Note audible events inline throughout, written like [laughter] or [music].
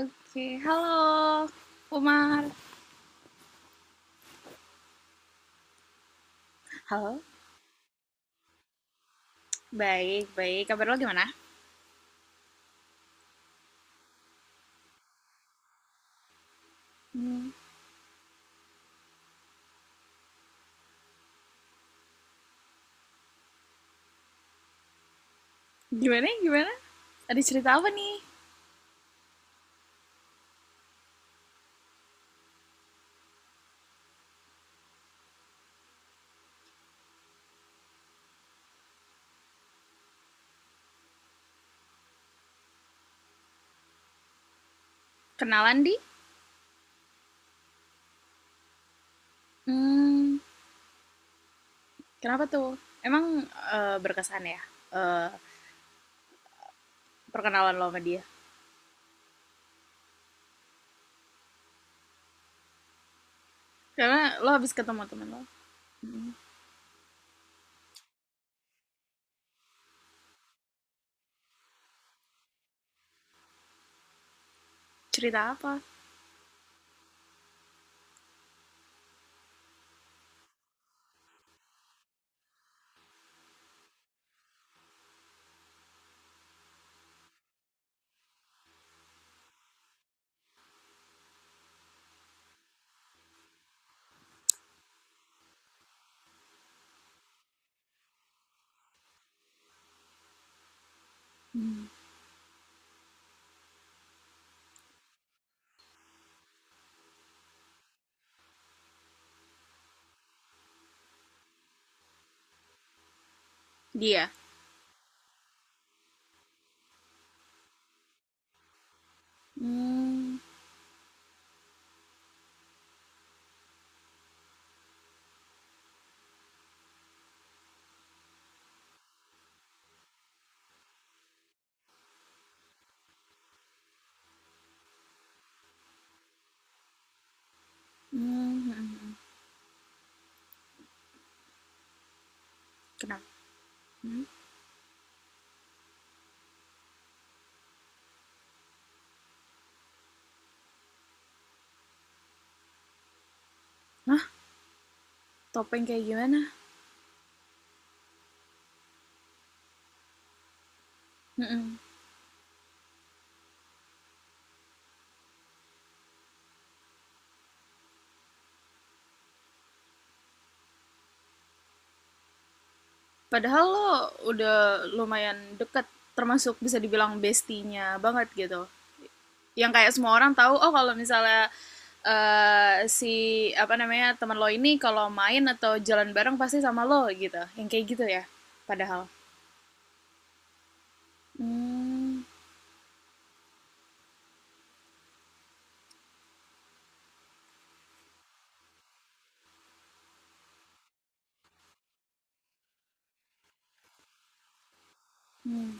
Oke, halo Umar. Halo. Baik, baik. Kabar lo gimana? Hmm. Gimana, gimana? Ada cerita apa nih? Kenalan di? Hmm, kenapa tuh? Emang berkesan ya, eh, perkenalan lo sama dia? Karena lo habis ketemu temen lo. Cerita apa? Hmm. Dia? Hmm, hmm, hmm, hmm. Kenapa? Hmm? Hah? Topeng kayak gimana? Hmm, hmm. Padahal lo udah lumayan deket, termasuk bisa dibilang bestinya banget gitu. Yang kayak semua orang tahu, oh kalau misalnya, si apa namanya teman lo ini kalau main atau jalan bareng pasti sama lo gitu. Yang kayak gitu ya. Padahal. Hmm, hmm.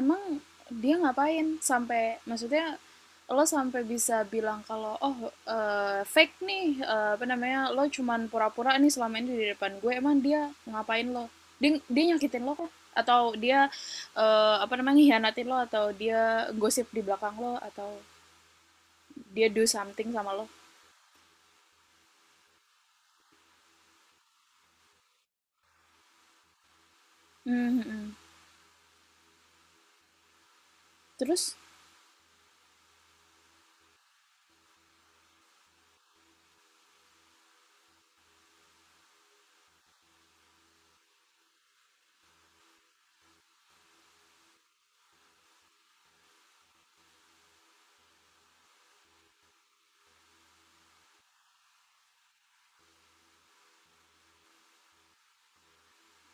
Emang dia ngapain sampai maksudnya lo sampai bisa bilang kalau, "Oh, fake nih," apa namanya, "lo cuman pura-pura nih selama ini di depan gue." Emang dia ngapain lo? Dia dia nyakitin lo kah? Atau dia, apa namanya, hianatin lo atau dia gosip di belakang lo atau dia do something sama lo? Mmm, mhm. Terus?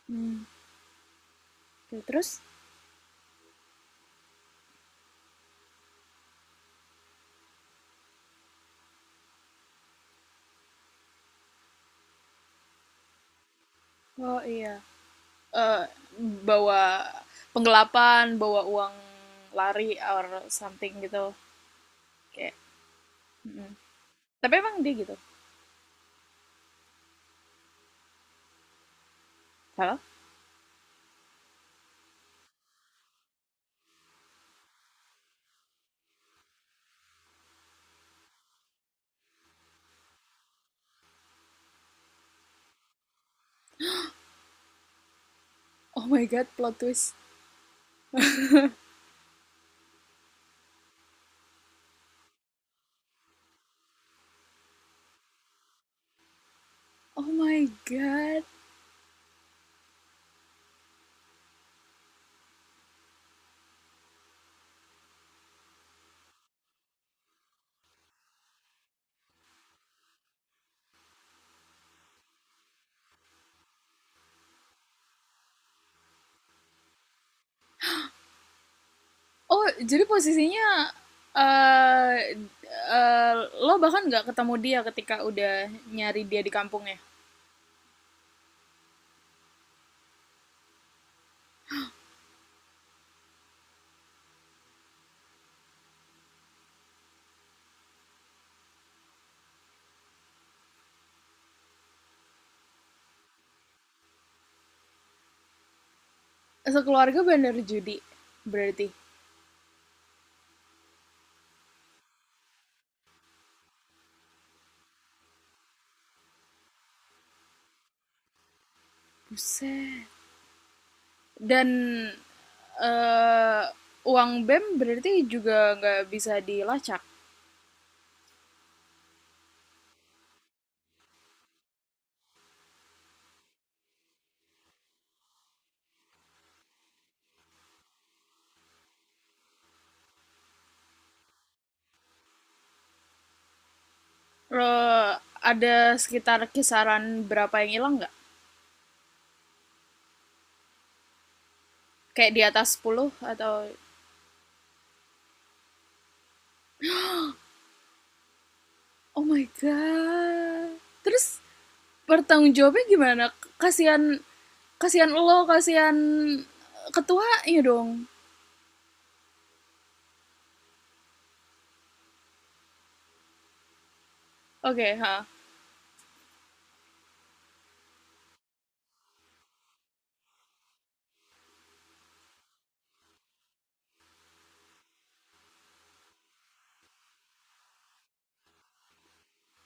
Mmm, oke, terus? Oh, iya, eee, bawa penggelapan, bawa uang lari or something gitu? Kayak, mm. Tapi emang dia gitu salah. Oh my God, plot twist. Oh my God. Oh, jadi posisinya, eh eh, lo bahkan nggak ketemu dia ketika udah nyari dia di kampungnya? Sekeluarga bandar judi berarti. Buset. Dan eh uang bem berarti juga nggak bisa dilacak? Lo ada sekitar kisaran berapa yang hilang nggak? Kayak di atas 10 atau. Oh my God. Terus bertanggung jawabnya gimana? Kasihan, kasihan lo, kasihan ketua iya dong. Oke, okay, ha.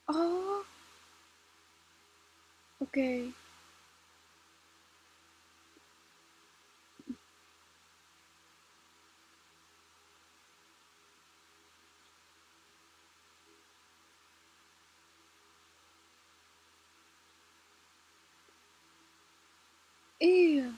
Oh, oke. Okay. Iya.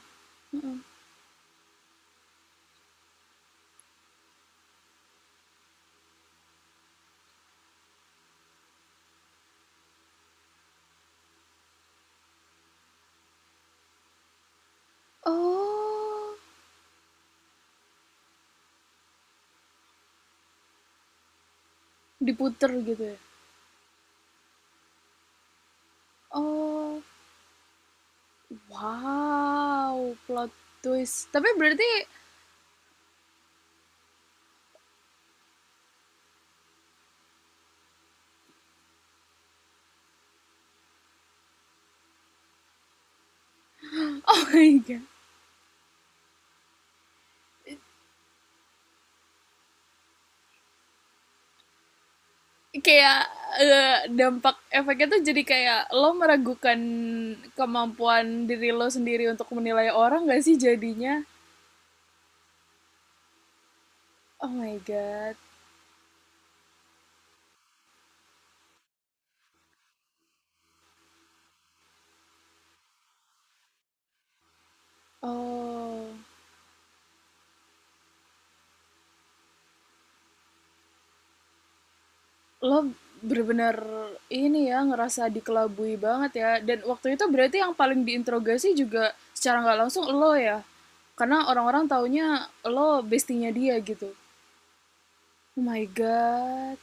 Oh, diputer gitu ya. Oh, wow, plot twist. Tapi berarti oh my God. Kayak, dampak efeknya tuh jadi kayak lo meragukan kemampuan diri lo sendiri untuk menilai orang gak sih jadinya? Oh my God. Oh, lo bener-bener ini ya, ngerasa dikelabui banget ya. Dan waktu itu berarti yang paling diinterogasi juga secara nggak langsung lo ya? Karena orang-orang taunya lo bestinya dia gitu. Oh my God.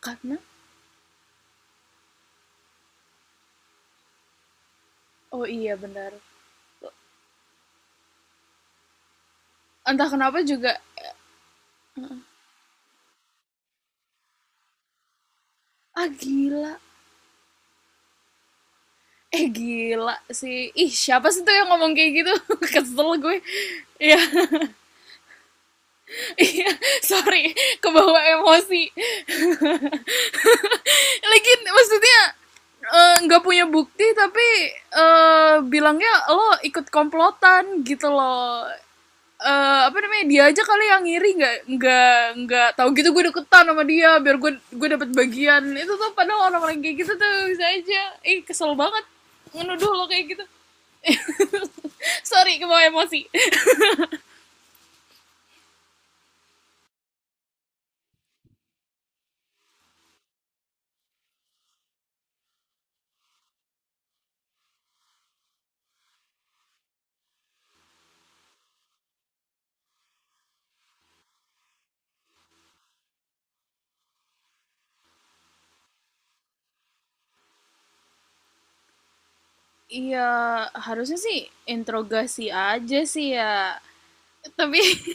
Karena? Oh, iya benar. Entah kenapa juga, ah gila. Eh, gila sih. Ih, siapa sih tuh yang ngomong kayak gitu? [laughs] Kesel gue. Iya. Iya, [laughs] sorry, kebawa emosi. [laughs] Lagi maksudnya, nggak, punya bukti tapi, bilangnya lo ikut komplotan gitu loh. Eh, apa namanya, dia aja kali yang ngiri, nggak tahu gitu, gue deketan sama dia biar gue dapat bagian itu tuh, padahal orang-orang kayak gitu tuh bisa aja. Ih, kesel banget menuduh lo kayak gitu. [laughs] Sorry, kebawa emosi. [laughs] Iya, harusnya sih interogasi aja sih ya. Tapi [laughs]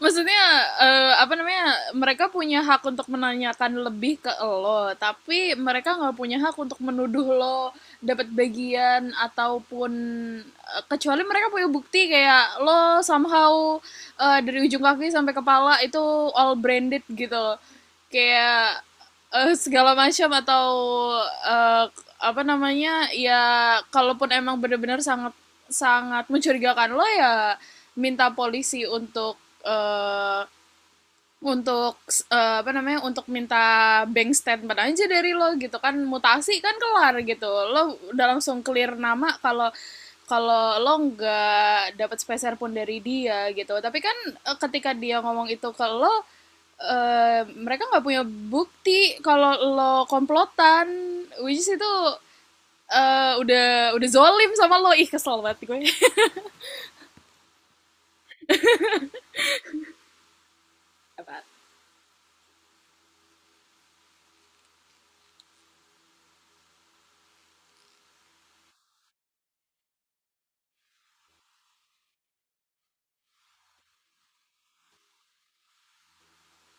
maksudnya, apa namanya? Mereka punya hak untuk menanyakan lebih ke lo, tapi mereka nggak punya hak untuk menuduh lo dapat bagian ataupun, kecuali mereka punya bukti kayak lo somehow, dari ujung kaki sampai kepala itu all branded gitu loh. Kayak, segala macam atau, eee, apa namanya, ya kalaupun emang benar-benar sangat sangat mencurigakan lo, ya minta polisi untuk, eee, untuk apa namanya, untuk minta bank statement aja dari lo gitu kan, mutasi kan kelar gitu. Lo udah langsung clear nama kalau kalau lo nggak dapat sepeser pun dari dia gitu. Tapi kan, ketika dia ngomong itu ke lo, mereka nggak punya bukti kalau lo komplotan, which is itu, udah zolim sama lo. Ih, kesel banget gue. [laughs]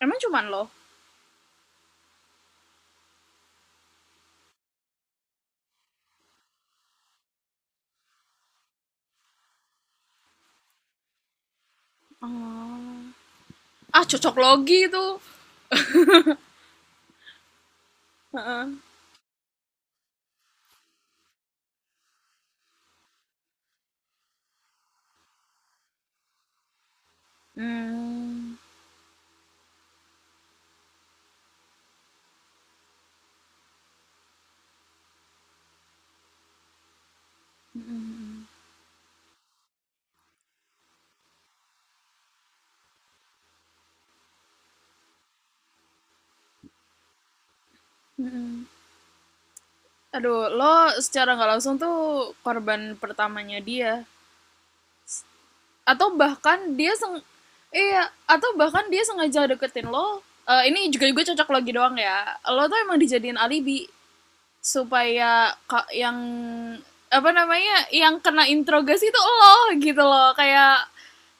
Emang cuman lo? Oh. Ah, cocoklogi itu. Heeh. Hmm. Aduh, lo secara nggak langsung tuh korban pertamanya dia. Atau bahkan dia seng Iya, atau bahkan dia sengaja deketin lo, ini juga juga cocok logi doang ya, lo tuh emang dijadiin alibi. Supaya yang apa namanya, yang kena interogasi itu lo gitu loh. Kayak,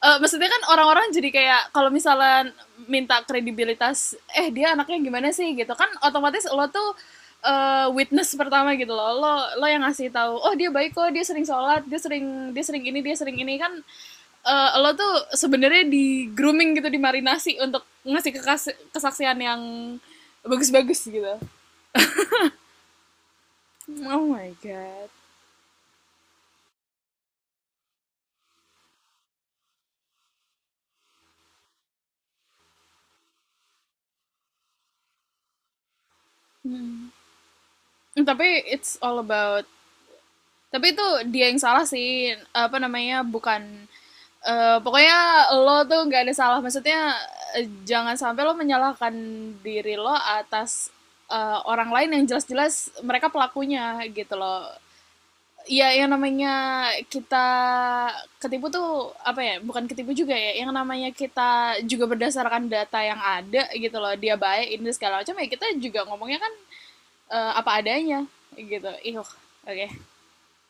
maksudnya kan orang-orang jadi kayak kalau misalnya minta kredibilitas, eh, dia anaknya gimana sih gitu kan, otomatis lo tuh, witness pertama gitu loh. Lo lo yang ngasih tahu, oh dia baik kok, dia sering sholat, dia sering ini, dia sering ini kan, lo tuh sebenarnya di grooming gitu, dimarinasi untuk ngasih kesaksian yang bagus-bagus gitu. Oh my God. Mm. Tapi it's all about Tapi itu dia yang salah sih apa namanya, bukan, pokoknya lo tuh gak ada salah, maksudnya, jangan sampai lo menyalahkan diri lo atas, orang lain yang jelas-jelas mereka pelakunya gitu loh. Ya yang namanya kita ketipu tuh apa ya, bukan ketipu juga ya, yang namanya kita juga berdasarkan data yang ada gitu loh, dia baik ini segala macam, ya kita juga ngomongnya kan, apa adanya gitu. Ih, oke. Okay.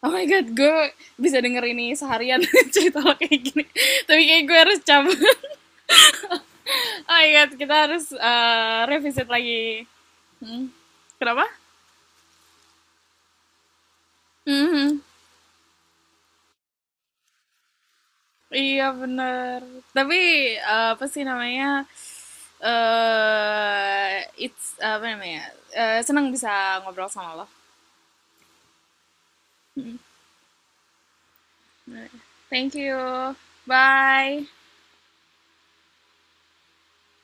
Oh my God, gue bisa denger ini seharian [laughs] cerita lo kayak gini. [laughs] Tapi kayak gue harus cabut. [laughs] Oh my God, kita harus, revisit lagi. Hmm, kenapa? Mhm. Iya bener. Tapi, apa sih namanya, it's, apa namanya. Eh, senang bisa ngobrol sama lo. Thank you. Bye.